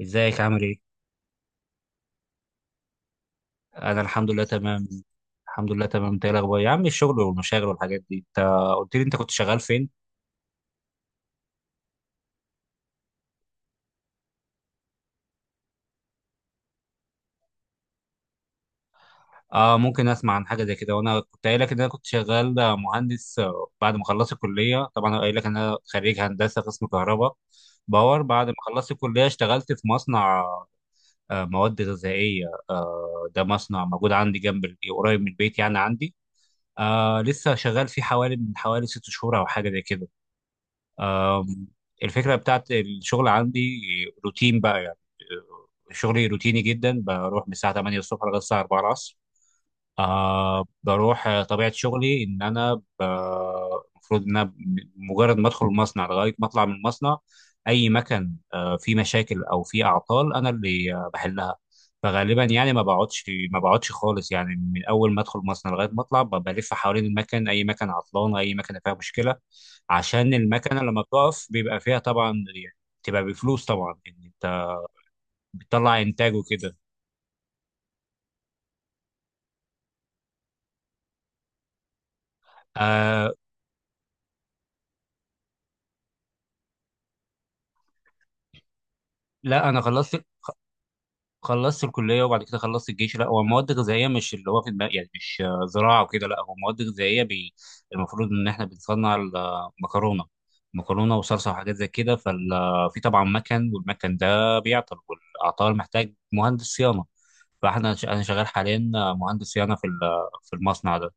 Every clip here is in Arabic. ازيك عامل ايه؟ انا الحمد لله تمام. الحمد لله تمام، انت ايه الاخبار يا عم؟ الشغل والمشاغل والحاجات دي، انت قلت لي انت كنت شغال فين؟ اه، ممكن اسمع عن حاجه زي كده. وانا كنت قايل لك ان انا كنت شغال مهندس، بعد ما خلصت الكليه. طبعا انا قايل لك ان انا خريج هندسه قسم كهرباء باور. بعد ما خلصت الكليه اشتغلت في مصنع، مواد غذائيه. ده مصنع موجود عندي جنب قريب من البيت، يعني عندي. لسه شغال فيه حوالي، من حوالي 6 شهور او حاجه زي كده. آم، الفكرة بتاعت الشغل عندي روتين بقى يعني. شغلي روتيني جدا، بروح من الساعة 8 الصبح لغاية الساعة 4 العصر. آه بروح آه، طبيعة شغلي إن أنا، المفروض إن أنا مجرد ما أدخل المصنع لغاية ما أطلع من المصنع، أي مكان فيه مشاكل أو فيه أعطال أنا اللي بحلها. فغالبا يعني ما بقعدش خالص. يعني من أول ما أدخل المصنع لغاية ما أطلع، بلف حوالين المكن، أي مكان عطلان، أي مكان فيها مشكلة. عشان المكنة لما بتقف بيبقى فيها طبعا يعني، بتبقى بفلوس طبعا، إن أنت بتطلع إنتاج وكده. آه، لا أنا خلصت الكليه وبعد كده خلصت الجيش. لا هو مواد غذائيه مش اللي هو في دماغ، يعني مش زراعه وكده. لا هو مواد غذائيه، المفروض ان احنا بنصنع المكرونه، مكرونه وصلصه وحاجات زي كده. ففي طبعا مكن، والمكن ده بيعطل، والعطال محتاج مهندس صيانه. انا شغال حاليا مهندس صيانه في المصنع ده.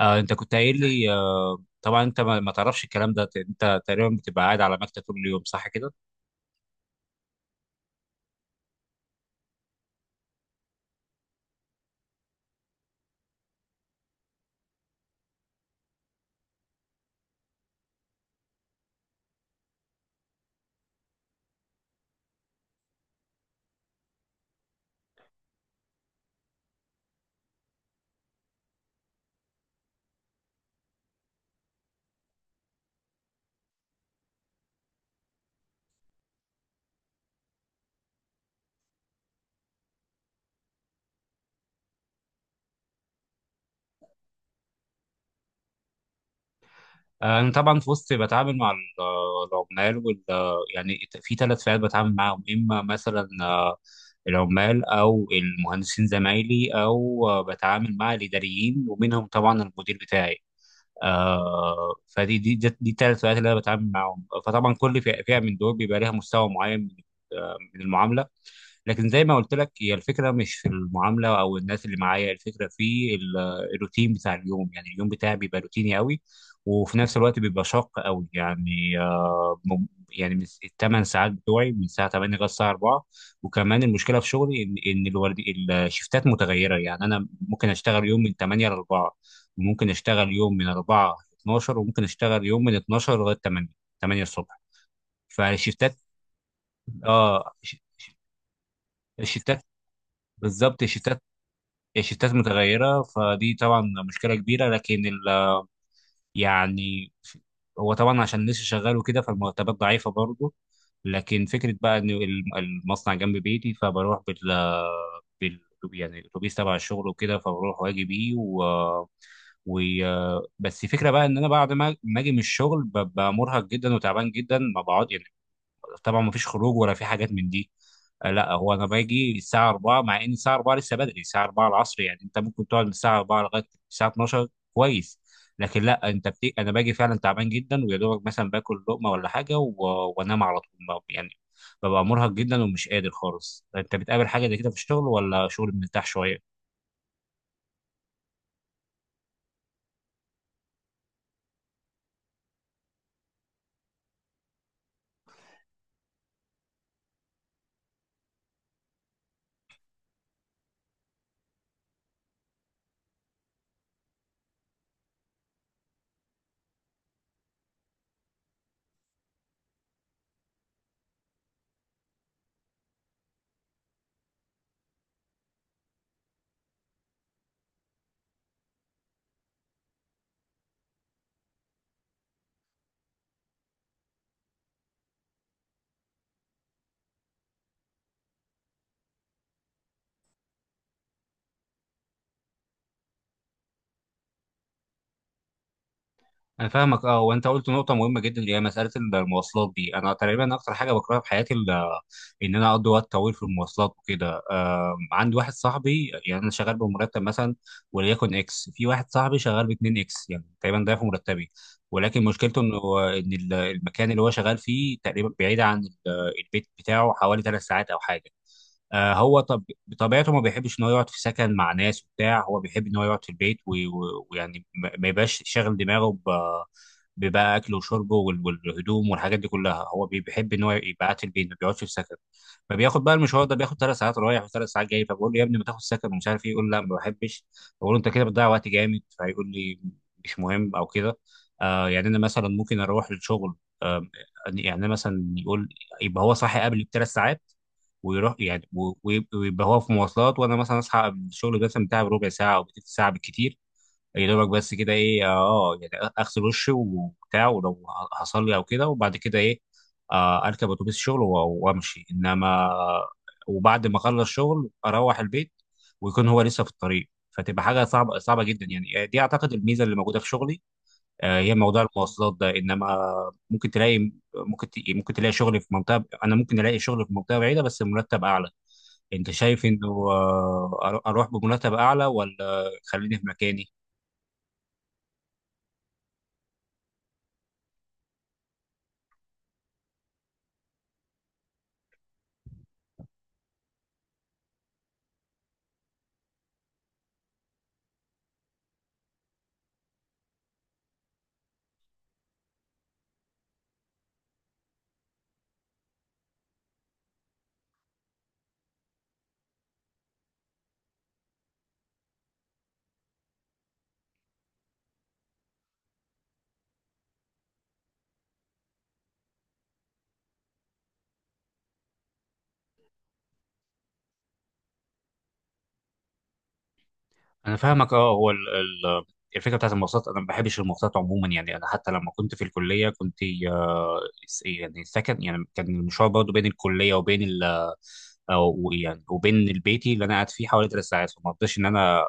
آه، انت كنت قايل لي آه، طبعا انت ما تعرفش الكلام ده، انت تقريبا بتبقى قاعد على مكتب طول اليوم، صح كده؟ انا طبعا في وسط، بتعامل مع العمال يعني في ثلاث فئات بتعامل معاهم. اما مثلا العمال، او المهندسين زمايلي، او بتعامل مع الاداريين ومنهم طبعا المدير بتاعي. آه، فدي دي دي دي الثلاث فئات اللي انا بتعامل معاهم. فطبعا كل فئة من دول بيبقى ليها مستوى معين من، من المعامله. لكن زي ما قلت لك، هي الفكره مش في المعامله او الناس اللي معايا، الفكره في الروتين بتاع اليوم. يعني اليوم بتاعي بيبقى روتيني قوي، وفي نفس الوقت بيبقى شاق قوي، يعني يعني من الثمان ساعات بتوعي، من الساعه 8 لغايه الساعه 4. وكمان المشكله في شغلي ان الورد، الشفتات متغيره. يعني انا ممكن اشتغل يوم من 8 ل 4، وممكن اشتغل يوم من 4 ل 12، وممكن اشتغل يوم من 12 لغايه 8، 8 الصبح. فالشفتات، اه، الشفتات بالظبط. الشيفتات متغيرة، فدي طبعا مشكلة كبيرة. لكن ال يعني هو طبعا عشان لسه شغال وكده، فالمرتبات ضعيفة برضه. لكن فكرة بقى إن المصنع جنب بيتي، فبروح بال بال يعني الأتوبيس تبع الشغل وكده، فبروح وأجي بيه. و و بس الفكرة بقى إن أنا بعد ما أجي من الشغل ببقى مرهق جدا وتعبان جدا، ما بقعد يعني، طبعا ما فيش خروج ولا في حاجات من دي. آه، لا، هو انا باجي الساعه 4، مع ان الساعه 4 لسه بدري، الساعه 4 العصر يعني انت ممكن تقعد من الساعه 4 لغايه الساعه 12، كويس. لكن لا، انت انا باجي فعلا تعبان جدا، ويا دوبك مثلا باكل لقمه ولا حاجه وانام على طول، يعني ببقى مرهق جدا ومش قادر خالص. انت بتقابل حاجه زي كده في الشغل، ولا شغل مرتاح شويه؟ انا فاهمك. اه، وانت قلت نقطه مهمه جدا، اللي هي مساله المواصلات دي. انا تقريبا اكتر حاجه بكرهها في حياتي، ان انا اقضي وقت طويل في المواصلات وكده. عندي واحد صاحبي، يعني انا شغال بمرتب مثلا وليكن اكس، في واحد صاحبي شغال ب 2 اكس، يعني تقريبا ضعف مرتبي. ولكن مشكلته انه، المكان اللي هو شغال فيه تقريبا بعيد عن البيت بتاعه حوالي 3 ساعات او حاجه. آه، هو طب بطبيعته ما بيحبش ان هو يقعد في سكن مع ناس وبتاع، هو بيحب ان هو يقعد في البيت، ويعني ما يبقاش شاغل دماغه ببقى اكله وشربه والهدوم والحاجات دي كلها. هو بيحب ان هو يبقى قاعد في البيت، ما بيقعدش في سكن. فبياخد بقى المشوار ده، بياخد 3 ساعات رايح وثلاث ساعات جاي. فبقول له يا ابني ما تاخد سكن ومش عارف ايه، يقول لا ما بحبش. بقول له انت كده بتضيع وقت جامد، فيقول لي مش مهم او كده. آه، يعني انا مثلا ممكن اروح للشغل. آه يعني أنا مثلا يقول يبقى هو صاحي قبلي بثلاث ساعات، ويروح يعني، ويبقى هو في مواصلات، وانا مثلا اصحى قبل الشغل مثلا بتاعي بربع ساعه او بتلت ساعه بالكتير. يا دوبك بس كده، ايه، اه. يعني اغسل وشي وبتاع، ولو هصلي او كده، وبعد كده ايه، آه اركب اتوبيس الشغل وامشي انما. وبعد ما اخلص شغل اروح البيت، ويكون هو لسه في الطريق. فتبقى حاجه صعبه جدا يعني. دي اعتقد الميزه اللي موجوده في شغلي، هي موضوع المواصلات ده. انما ممكن تلاقي، ممكن تلاقي شغل في منطقه، انا ممكن الاقي شغل في منطقه بعيده بس المرتب اعلى. انت شايف انه، اروح بمرتب اعلى ولا خليني في مكاني؟ انا فاهمك. اه، هو الفكره بتاعت المواصلات، انا ما بحبش المواصلات عموما. يعني انا حتى لما كنت في الكليه كنت، آه، يعني سكن. يعني كان المشوار برضه بين الكليه وبين ال أو يعني وبين البيتي اللي انا قاعد فيه حوالي 3 ساعات. فما اقدرش ان انا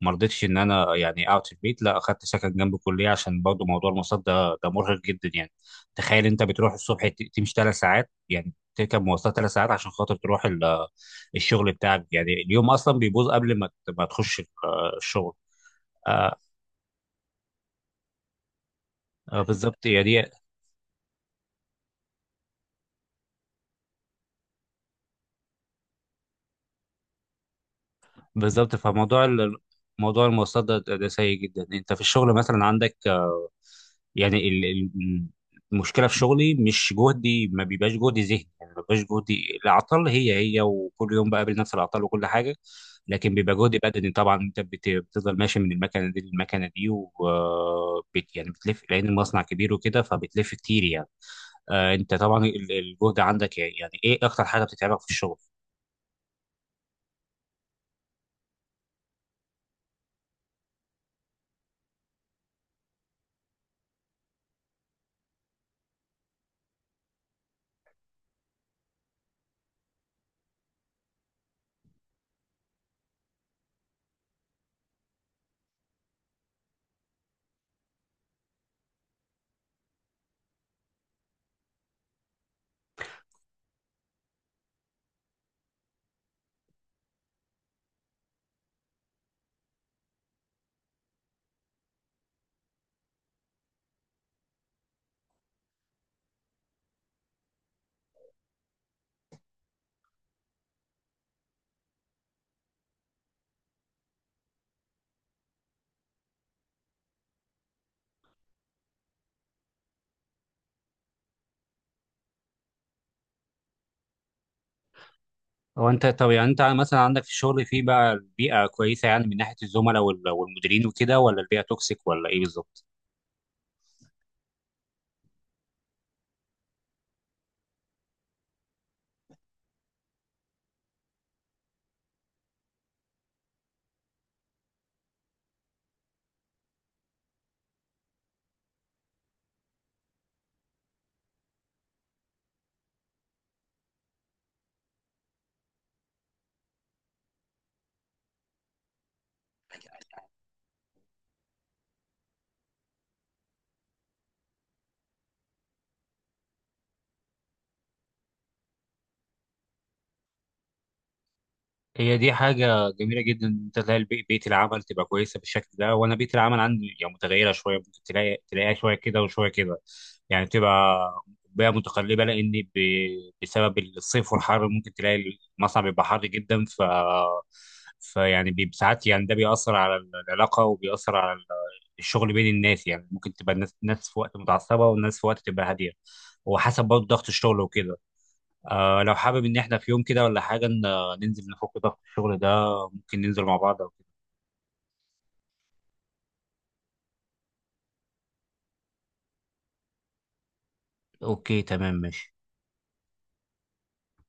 ما رضيتش ان انا يعني اقعد في البيت، لا اخدت سكن جنب الكليه، عشان برضو موضوع المواصلات ده مرهق جدا يعني. تخيل انت بتروح الصبح تمشي 3 ساعات، يعني تركب مواصلات 3 ساعات عشان خاطر تروح الشغل بتاعك. يعني اليوم اصلا بيبوظ قبل ما ما تخش الشغل. آه بالظبط يا دي، بالظبط. فموضوع موضوع المواصلات ده سيء جدا. انت في الشغل مثلا عندك، يعني المشكله في شغلي مش جهدي، ما بيبقاش جهدي ذهني، يعني ما بيبقاش جهدي، العطل هي هي وكل يوم بقابل نفس العطل وكل حاجه. لكن بيبقى جهد بدني، طبعا انت بتفضل ماشي من المكنه دي للمكنه دي، يعني بتلف لان المصنع كبير وكده، فبتلف كتير يعني. آه، انت طبعا الجهد عندك، يعني ايه اكتر حاجه بتتعبك في الشغل؟ هو انت طب، يعني انت مثلا عندك في الشغل في بقى البيئه كويسه يعني، من ناحيه الزملاء والمديرين وكده، ولا البيئه توكسيك ولا ايه بالظبط؟ هي دي حاجة جميلة جدا إن أنت تلاقي بيئة العمل تبقى كويسة بالشكل ده. وأنا بيئة العمل عندي يعني متغيرة شوية، ممكن تلاقيها شوية كده وشوية كده. يعني بتبقى بيئة متقلبة، بسبب الصيف والحر ممكن تلاقي المصنع بيبقى حر جدا. ساعات يعني، ده بيأثر على العلاقة وبيأثر على الشغل بين الناس. يعني ممكن تبقى ناس في وقت متعصبة، والناس في وقت تبقى هادية، وحسب برضه ضغط الشغل وكده. آه، لو حابب ان احنا في يوم كده ولا حاجه ننزل نفك ضغط الشغل ده، ممكن ننزل مع بعض او كده. اوكي، تمام، ماشي.